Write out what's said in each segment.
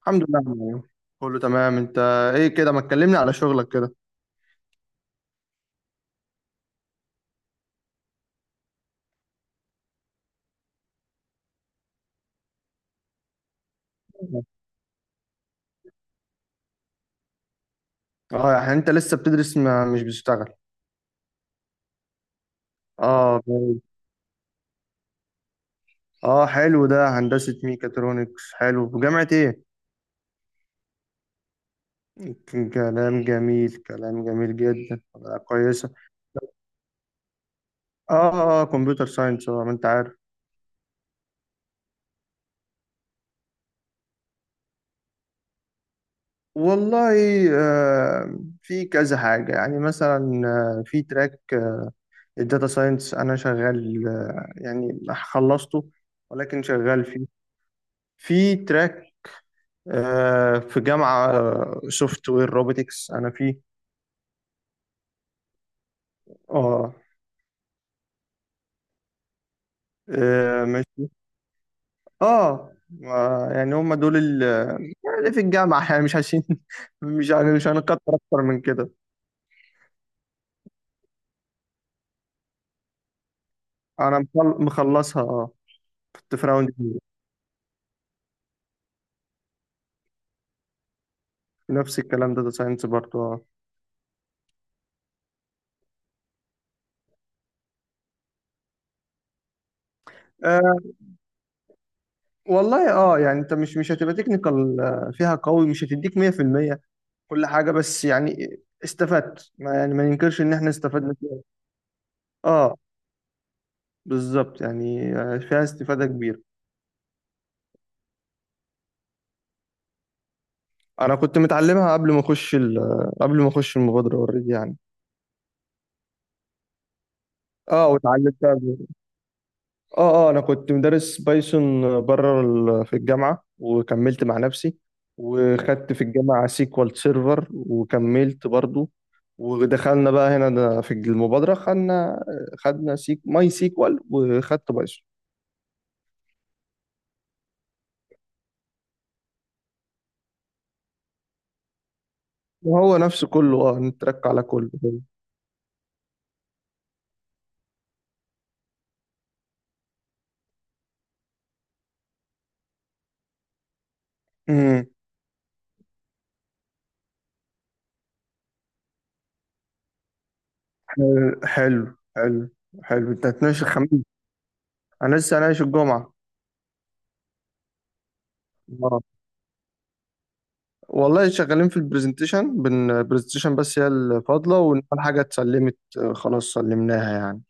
الحمد لله يا معلم. كله تمام انت؟ ايه كده ما تكلمني على شغلك كده؟ اه يعني انت لسه بتدرس ما مش بتشتغل. اه جميل. اه حلو، ده هندسة ميكاترونكس حلو، في جامعة ايه؟ كلام جميل، كلام جميل جدا، كويسة. اه، كمبيوتر ساينس اه، ما انت عارف. والله في كذا حاجة، يعني مثلا في تراك، الداتا ساينس انا شغال، يعني خلصته، ولكن شغال فيه. في تراك في جامعة سوفت وير روبوتكس أنا فيه. اه. ماشي. اه يعني هم دول اللي في الجامعة، يعني مش عايزين مش يعني مش هنكتر أكتر من كده. أنا مخلصها اه. كنت في راوند اتنين. نفس الكلام، داتا ساينس برضه اه. آه، والله اه، يعني انت مش هتبقى تكنيكال فيها قوي، مش هتديك 100% كل حاجة، بس يعني استفدت، ما يعني ما ننكرش ان احنا استفدنا فيها. اه بالظبط، يعني فيها استفادة كبيرة. انا كنت متعلمها قبل ما اخش المبادره اوريدي يعني. اه واتعلمتها قبل- اه انا كنت مدرس بايثون بره في الجامعه، وكملت مع نفسي، وخدت في الجامعه سيكوال سيرفر وكملت برضو. ودخلنا بقى هنا، ده في المبادره خدنا سيك ماي سيكوال، وخدت بايثون. وهو نفسه كله اه، نترك على كله. امم حلو، حلو، حلو انت هتناقش الخميس؟ انا لسه هناقش الجمعه. آه. والله شغالين في البرزنتيشن، بن البرزنتيشن بس هي الفاضلة، وإن الحاجة اتسلمت، خلاص سلمناها يعني.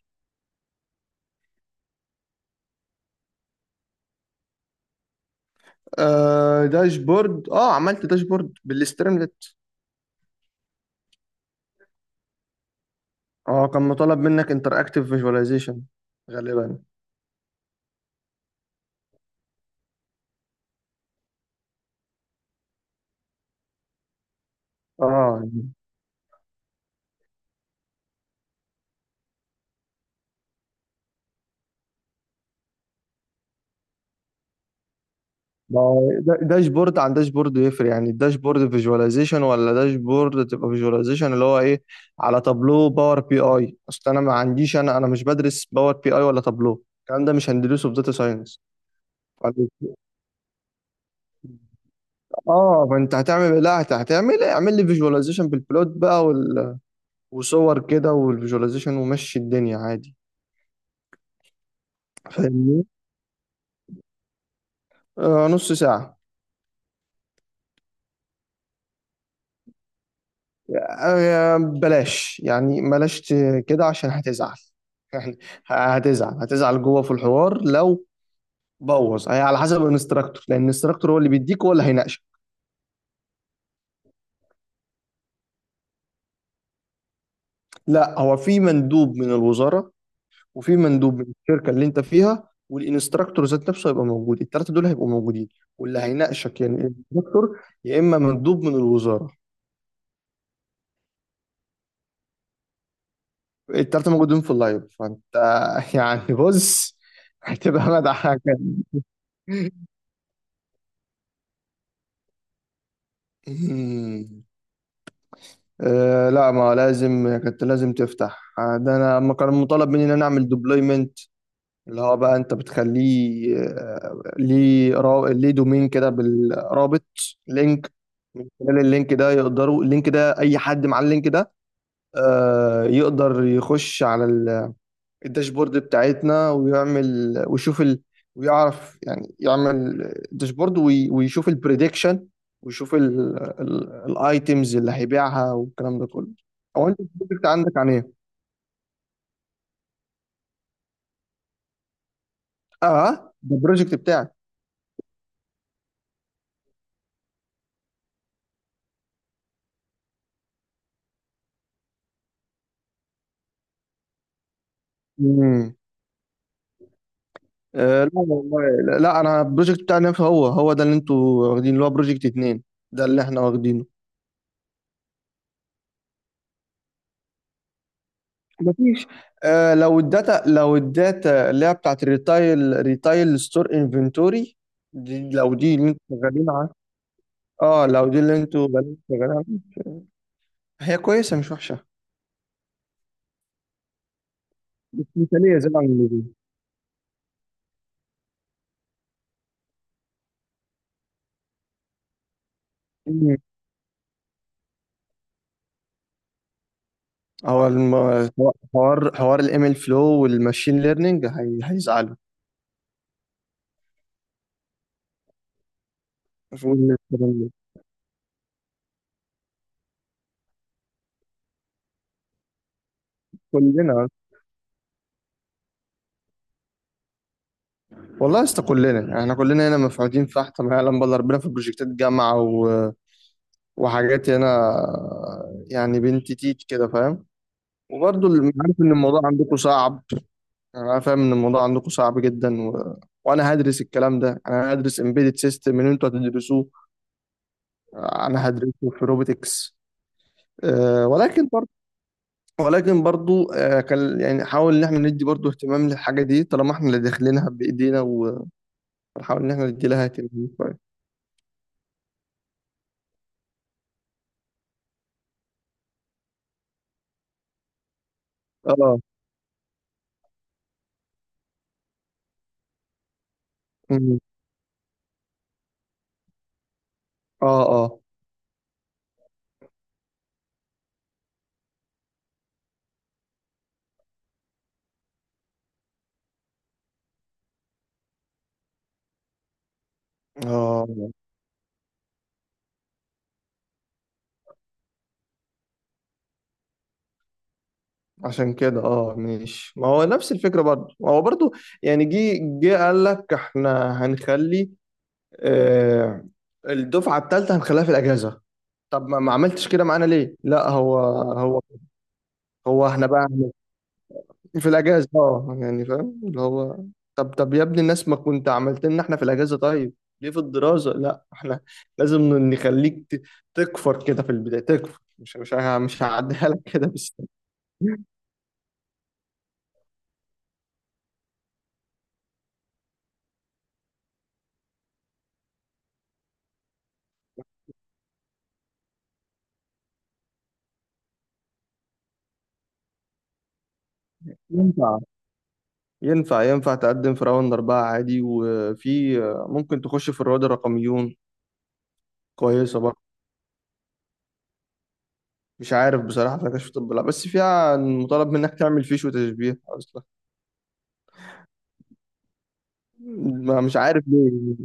آه داشبورد، اه عملت داشبورد بالاستريملت. اه كان مطالب منك انتر اكتيف فيجواليزيشن غالبا. اه ما هو داشبورد عن داشبورد يفرق، يعني الداشبورد فيجواليزيشن، ولا داشبورد تبقى فيجواليزيشن اللي هو ايه على تابلو باور بي اي؟ اصل انا ما عنديش، انا مش بدرس باور بي اي ولا تابلو، الكلام ده مش هندرسه في داتا ساينس. اه فانت هتعمل إيه؟ لا هتعمل إيه؟ اعمل لي فيجواليزيشن بالبلوت بقى، وال... وصور كده والفيجواليزيشن، ومشي الدنيا عادي. فاهمني. آه نص ساعة. آه بلاش يعني، بلاش كده عشان هتزعل يعني هتزعل، جوه في الحوار لو بوظ. هي على حسب الانستراكتور، لان الانستراكتور هو اللي بيديك، هو اللي هيناقشك. لا، هو في مندوب من الوزارة، وفي مندوب من الشركه اللي انت فيها، والانستراكتور ذات نفسه هيبقى موجود، الثلاثه دول هيبقوا موجودين. واللي هيناقشك يعني الانستراكتور، يا اما مندوب من الوزاره. الثلاثه موجودين في اللايف، فانت يعني بص، هتبقى مدعكه أمم. آه لا، ما لازم، كنت لازم تفتح، ده انا ما كان مطالب مني ان انا اعمل ديبلويمنت، اللي هو بقى انت بتخليه، ليه ليه دومين كده، بالرابط، لينك. من خلال اللينك ده يقدروا، اللينك ده اي حد مع اللينك ده يقدر يخش على الداشبورد بتاعتنا، ويعمل ويشوف ال... ويعرف يعني يعمل داشبورد ويشوف البريدكشن، ويشوف الايتيمز اللي هيبيعها والكلام ده كله. هو انت البروجكت عندك عن ايه؟ اه ده البروجكت بتاعك. مم. آه لا والله، لا لا، انا البروجكت بتاعنا هو هو ده اللي انتوا واخدينه، اللي هو بروجكت اتنين، ده اللي احنا واخدينه. مفيش. آه لو الداتا، لو الداتا اللي هي بتاعت الريتايل، ريتايل ستور انفنتوري، دي لو دي اللي انتوا شغالين عليها. اه لو دي اللي انتوا شغالين عليها، هي كويسه، مش وحشه، مش مثاليه زي ما عم بيقولوا. مم. هو حوار، الام ال فلو والماشين ليرنينج، هي... هيزعلوا. المفروض إن الكلام ده. كلنا، والله يا اسطى كلنا، يعني احنا كلنا هنا مفعوتين في تحت، ما يعلم بالله ربنا، في بروجكتات جامعة و... وحاجات هنا، يعني بنت تيت كده فاهم. وبرضه اللي عارف ان الموضوع عندكم صعب، انا فاهم ان الموضوع عندكم صعب جدا و... وانا هدرس الكلام ده، انا هدرس امبيدد سيستم ان انتوا هتدرسوه، انا هدرسه في روبوتكس. أه ولكن برضه، ولكن برضه أه كان يعني حاول ان احنا ندي برضه اهتمام للحاجه دي، طالما احنا اللي داخلينها بايدينا، ونحاول ان احنا ندي لها اهتمام شويه. اه اه اه اه عشان كده اه ماشي، ما هو نفس الفكرة برضه، ما هو برضه يعني، جه قال لك احنا هنخلي، آه الدفعة الثالثة هنخليها في الأجازة. طب ما، ما عملتش كده معانا ليه؟ لا هو، هو هو احنا بقى في الأجازة، اه يعني فاهم اللي هو، طب طب يا ابني الناس، ما كنت عملت لنا احنا في الأجازة؟ طيب ليه في الدراسة؟ لا احنا لازم نخليك تكفر كده في البداية، تكفر، مش هعديها لك كده. بس ينفع، ينفع تقدم في راوند أربعة عادي، وفي ممكن تخش في الرواد الرقميون، كويسة برضه. مش عارف بصراحة، في نقاش في طب، لا بس فيها مطالب منك تعمل فيش وتشبيه أصلا. ما مش عارف ليه.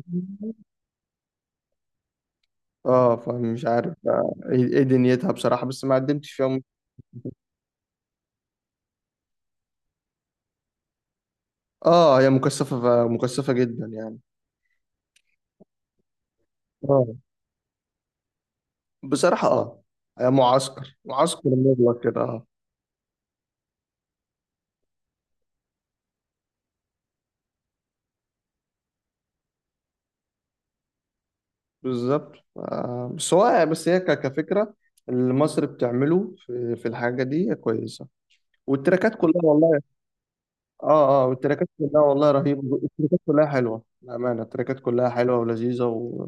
اه فمش عارف ايه إيه دنيتها بصراحة، بس ما قدمتش فيها اه. هي مكثفة، مكثفة جدا يعني. اه بصراحة اه، هي معسكر، معسكر مغلق كده آه. بالظبط، بس هو، بس هي كفكرة اللي مصر بتعمله في، في الحاجة دي كويسة. والتراكات كلها والله، اه اه والتراكات كلها والله رهيبة، التراكات كلها حلوة بأمانة، التراكات كلها حلوة ولذيذة و...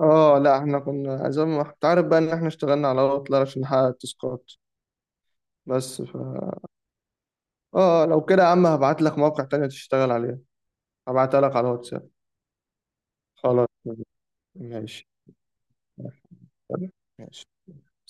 اه لا احنا كنا زي ما انت عارف بقى، ان احنا اشتغلنا على اوتلر عشان نحقق التاسكات. بس ف اه لو كده يا عم هبعت لك موقع تاني تشتغل عليه، هبعتها لك على الواتساب. خلاص. ماشي. ماشي.